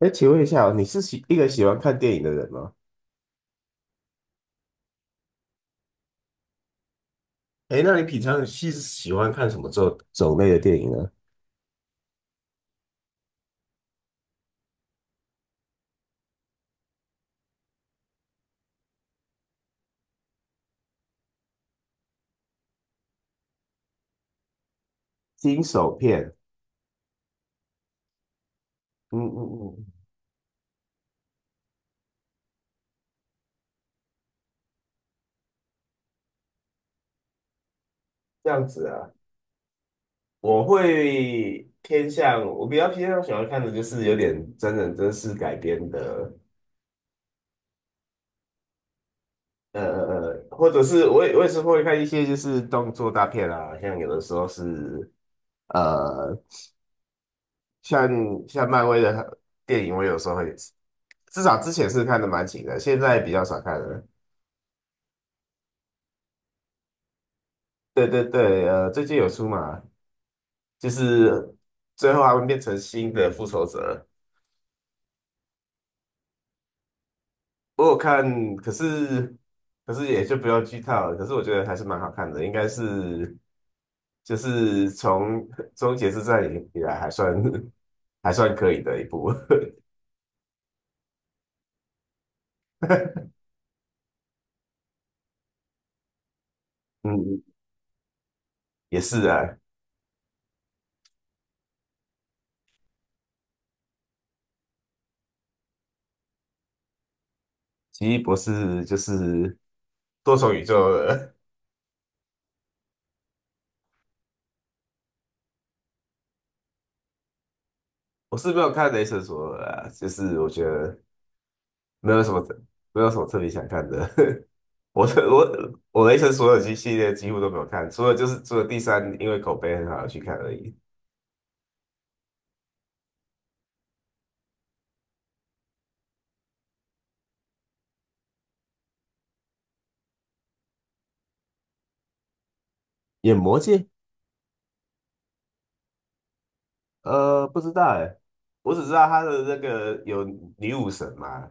哎，请问一下哦你是喜一个喜欢看电影的人吗？哎，那你平常是喜欢看什么种类的电影呢？惊悚片。嗯嗯嗯。这样子啊。我比较偏向喜欢看的就是有点真人真事改编的。或者是我也是会看一些就是动作大片啊，像有的时候是呃，像像漫威的电影，我有时候会，至少之前是看的蛮勤的，现在比较少看了。对对对，最近有出嘛，就是最后他们变成新的复仇者，我有看，可是也就不要剧透了，可是我觉得还是蛮好看的，应该是就是从 终结之战以来还算 还算可以的一部。嗯。也是啊。奇异博士就是多重宇宙了。 我是没有看雷神索尔啊，就是我觉得没有什么没有什么特别想看的。我是我我雷神所有系列几乎都没有看，除了第三，因为口碑很好而去看而已。演魔戒？不知道哎。我只知道他的那个有女武神嘛。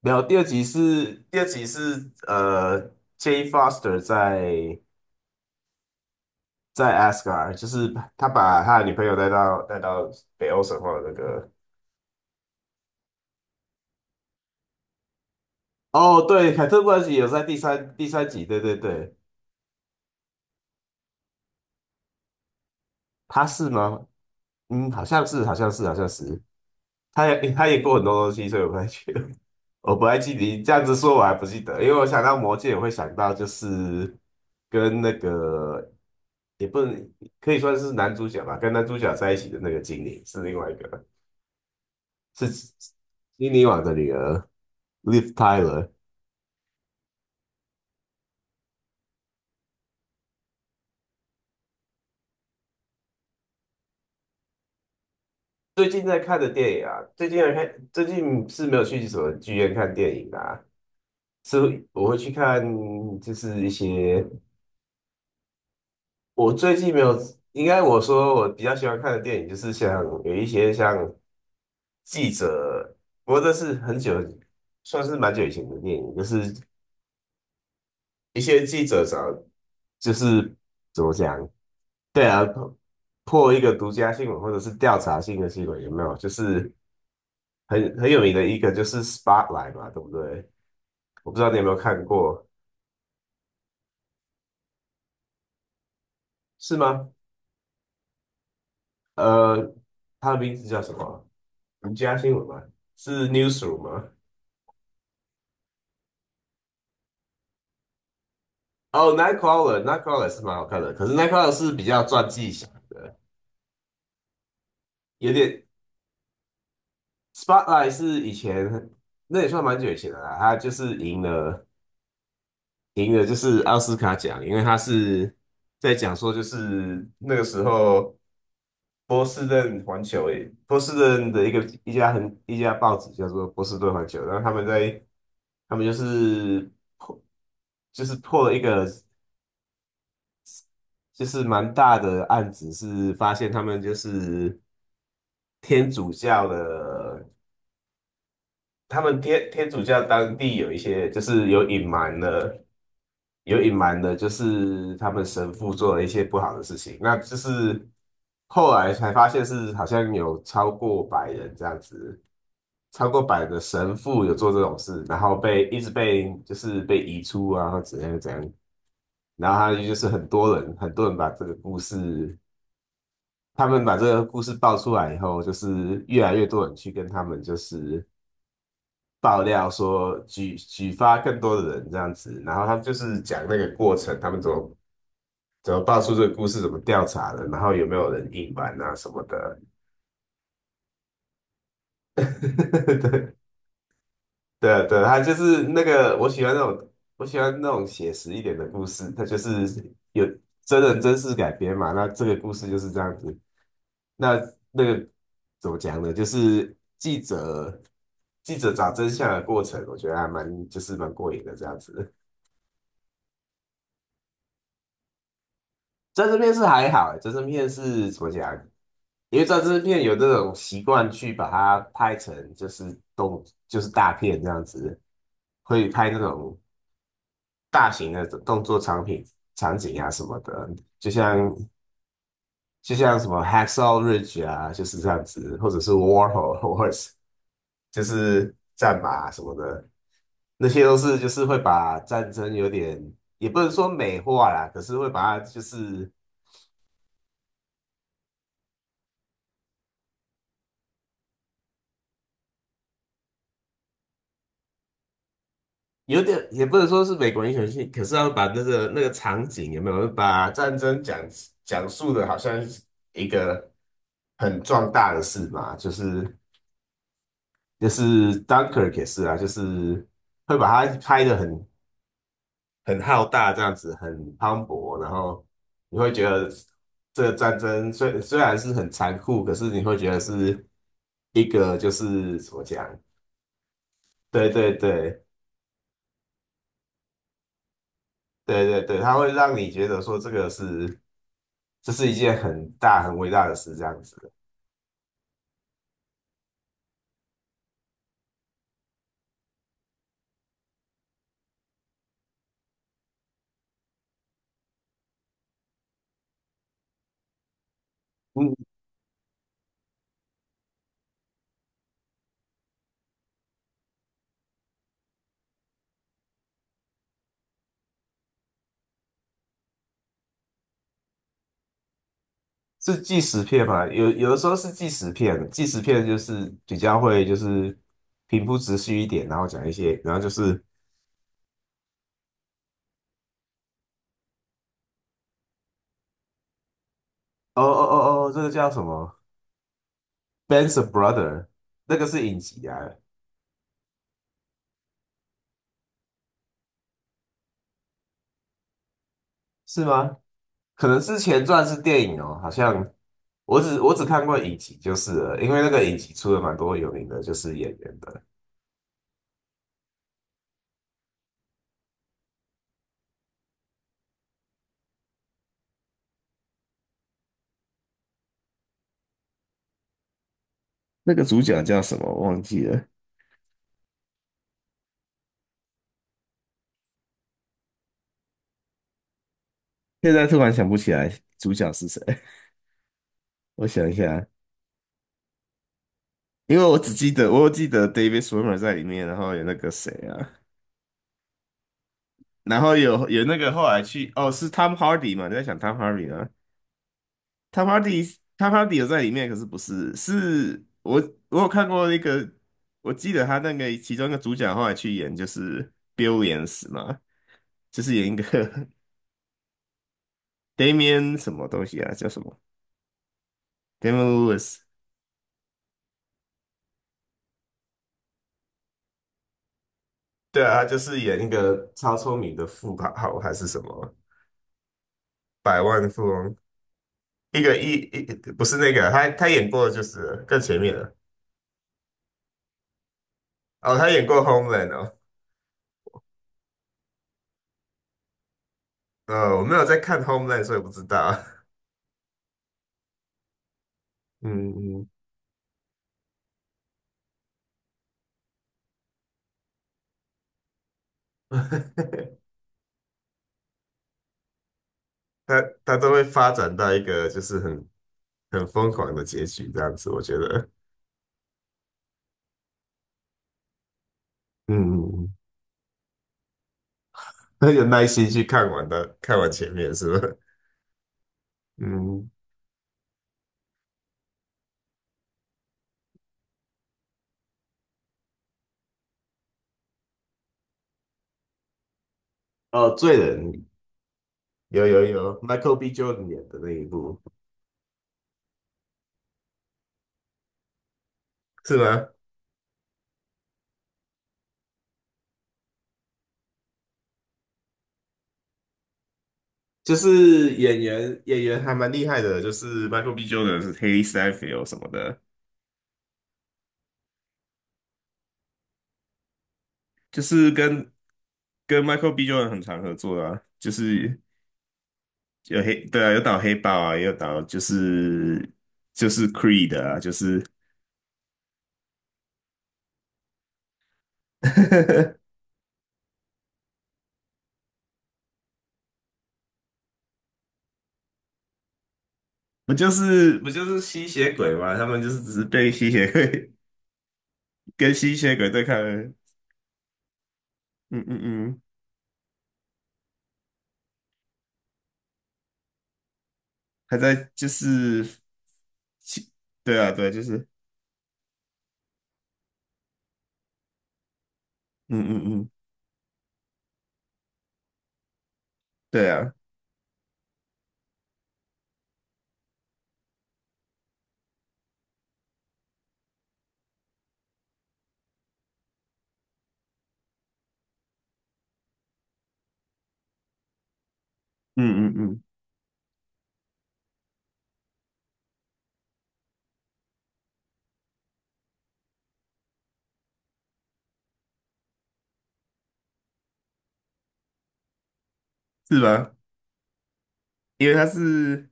没有，第二集是j a n Foster 在 Asgard，就是他把他的女朋友带到北欧神话的那个。哦，对，凯特·布兰奇有在第三集，对对对。他是吗？嗯，好像是，好像是，好像是。他也 他也过很多东西，所以我不太记得。我不太记得，你这样子说我还不记得，因为我想到魔戒，我会想到就是跟那个也不能可以算是男主角吧，跟男主角在一起的那个精灵是另外一个，是精灵王的女儿 Liv Tyler。最近在看的电影啊，最近是没有去什么剧院看电影啊，是我会去看就是一些。我最近没有，我说我比较喜欢看的电影就是像有一些像记者，不过这是很久，算是蛮久以前的电影，就是一些记者找，就是怎么讲。对啊，破一个独家新闻或者是调查性的新闻有没有？就是很有名的一个就是 Spotlight 嘛，对不对？我不知道你有没有看过。是吗？呃，它的名字叫什么？独家新闻吗？是 Newsroom 吗？哦，Nightcrawler，Nightcrawler 是蛮好看的，可是 Nightcrawler 是比较传记型的，有点 Spotlight 是以前那也算蛮久以前的啦，他就是赢了就是奥斯卡奖，因为他是在讲说就是那个时候波士顿环球诶，波士顿的一个一家报纸叫做波士顿环球，然后他们就是破破了一个就是蛮大的案子，是发现他们就是。天主教的，他们天主教当地有一些就是有隐瞒的，有隐瞒的，就是他们神父做了一些不好的事情，那就是后来才发现是好像有超过百人这样子，超过百的神父有做这种事，然后被一直被就是被移出啊，或怎样怎样，然后他就是很多人把这个故事。他们把这个故事爆出来以后，就是越来越多人去跟他们就是爆料说举发更多的人这样子，然后他就是讲那个过程，他们怎么爆出这个故事，怎么调查的，然后有没有人隐瞒啊什么的。对对对，他就是那个我喜欢那种写实一点的故事，他就是有真人真事改编嘛。那这个故事就是这样子。那那个怎么讲呢？就是记者找真相的过程，我觉得还蛮就是蛮过瘾的这样子。战争片是还好欸，战争片是怎么讲？因为战争片有这种习惯去把它拍成就是动就是大片这样子，会拍那种大型的动作场景啊什么的，就像就像什么《Hacksaw Ridge》啊，就是这样子，或者是《War Horse》，就是战马啊什么的，那些都是就是会把战争有点也不能说美化啦，可是会把它就是有点也不能说是美国英雄戏，可是要把那个场景有没有把战争讲述的好像是一个很壮大的事嘛，就是 Dunkirk 也是啊，就是会把它拍的很浩大这样子，很磅礴，然后你会觉得这个战争虽然是很残酷，可是你会觉得是一个就是怎么讲？对对对对对对，它会让你觉得说这个是。这是一件很大很伟大的事，这样子的。嗯。是纪实片嘛？有的时候是纪实片，纪实片就是比较会就是平铺直叙一点，然后讲一些，然后就是哦哦哦哦，这个叫什么？Ben's a Brother？那个是影集啊。是吗？可能是前传是电影哦，好像我只看过影集就是了，因为那个影集出了蛮多有名的就是演员的。那个主角叫什么？忘记了，现在突然想不起来主角是谁。我想一下，因为我只记得，我有记得 David s w i m m e r 在里面，然后有那个谁啊，然后有那个后来去。哦，是 Tom Hardy 嘛？你在想 Tom Hardy 啊？Tom Hardy 有在里面，可是不是，是我有看过那个，我记得他那个其中一个主角后来去演就是 Bill n s 嘛，就是演一个 Damian 什么东西啊，叫什么 Damian Lewis。对啊，他就是演一个超聪明的富豪还是什么百万富翁一个一一不是那个，他演过的就是更前面的哦。他演过《Homeland》哦。我没有在看《Homeland》，所以不知道。嗯嗯。他都会发展到一个就是很疯狂的结局这样子，我觉得。嗯。很有耐心去看完的，看完前面是吧？嗯。哦，《罪人》，有有有，Michael B. Jordan 演的那一部。是吗？就是演员还蛮厉害的，就是 Michael B. Jordan 是 h a l e Steinfeld 什么的。就是跟 Michael B. Jordan 很常合作啊，就是对啊，有打黑豹啊，也有打就是 Creed 啊，就是 不就是吸血鬼嘛？他们就是只是被吸血鬼 跟吸血鬼对抗而已。嗯嗯嗯。还在就是吸，对啊对啊，就是嗯嗯嗯，对啊，嗯嗯嗯，是吧？因为他是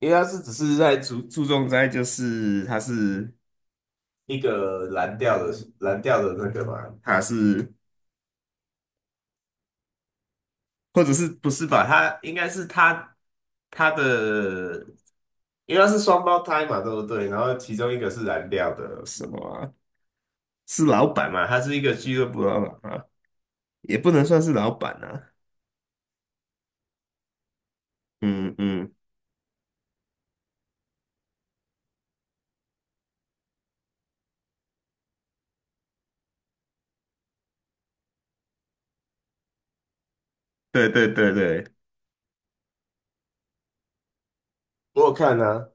因为他是只是在注重在就是他是。一个蓝调的那个嘛，它是或者是不是吧？他应该是他的，因为它是双胞胎嘛，对不对？然后其中一个是蓝调的什么啊？是老板嘛？他是一个俱乐部老板啊，也不能算是老板啊。嗯嗯，对对对对，我有看啊。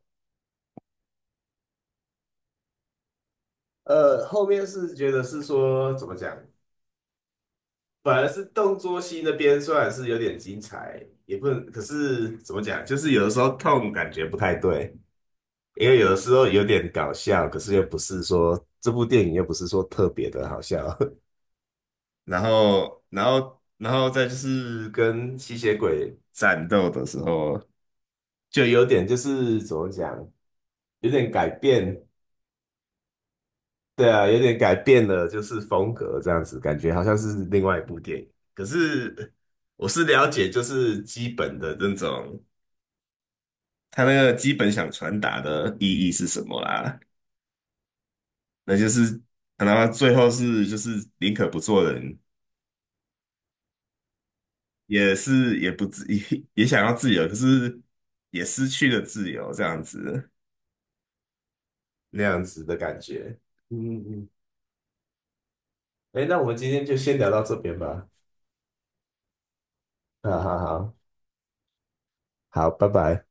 后面是觉得是说怎么讲，反而是动作戏那边算是有点精彩，也不能，可是怎么讲，就是有的时候痛感觉不太对。因为有的时候有点搞笑，可是又不是说这部电影又不是说特别的好笑。然后再就是跟吸血鬼战斗的时候，就有点就是怎么讲，有点改变，对啊，有点改变了就是风格这样子，感觉好像是另外一部电影。可是我是了解就是基本的那种，他那个基本想传达的意义是什么啦。那就是可能最后是就是宁可不做人，也是也不自 也想要自由，可是也失去了自由，这样子。那样子的感觉。嗯嗯嗯。哎，那我们今天就先聊到这边吧。好好好好，拜拜。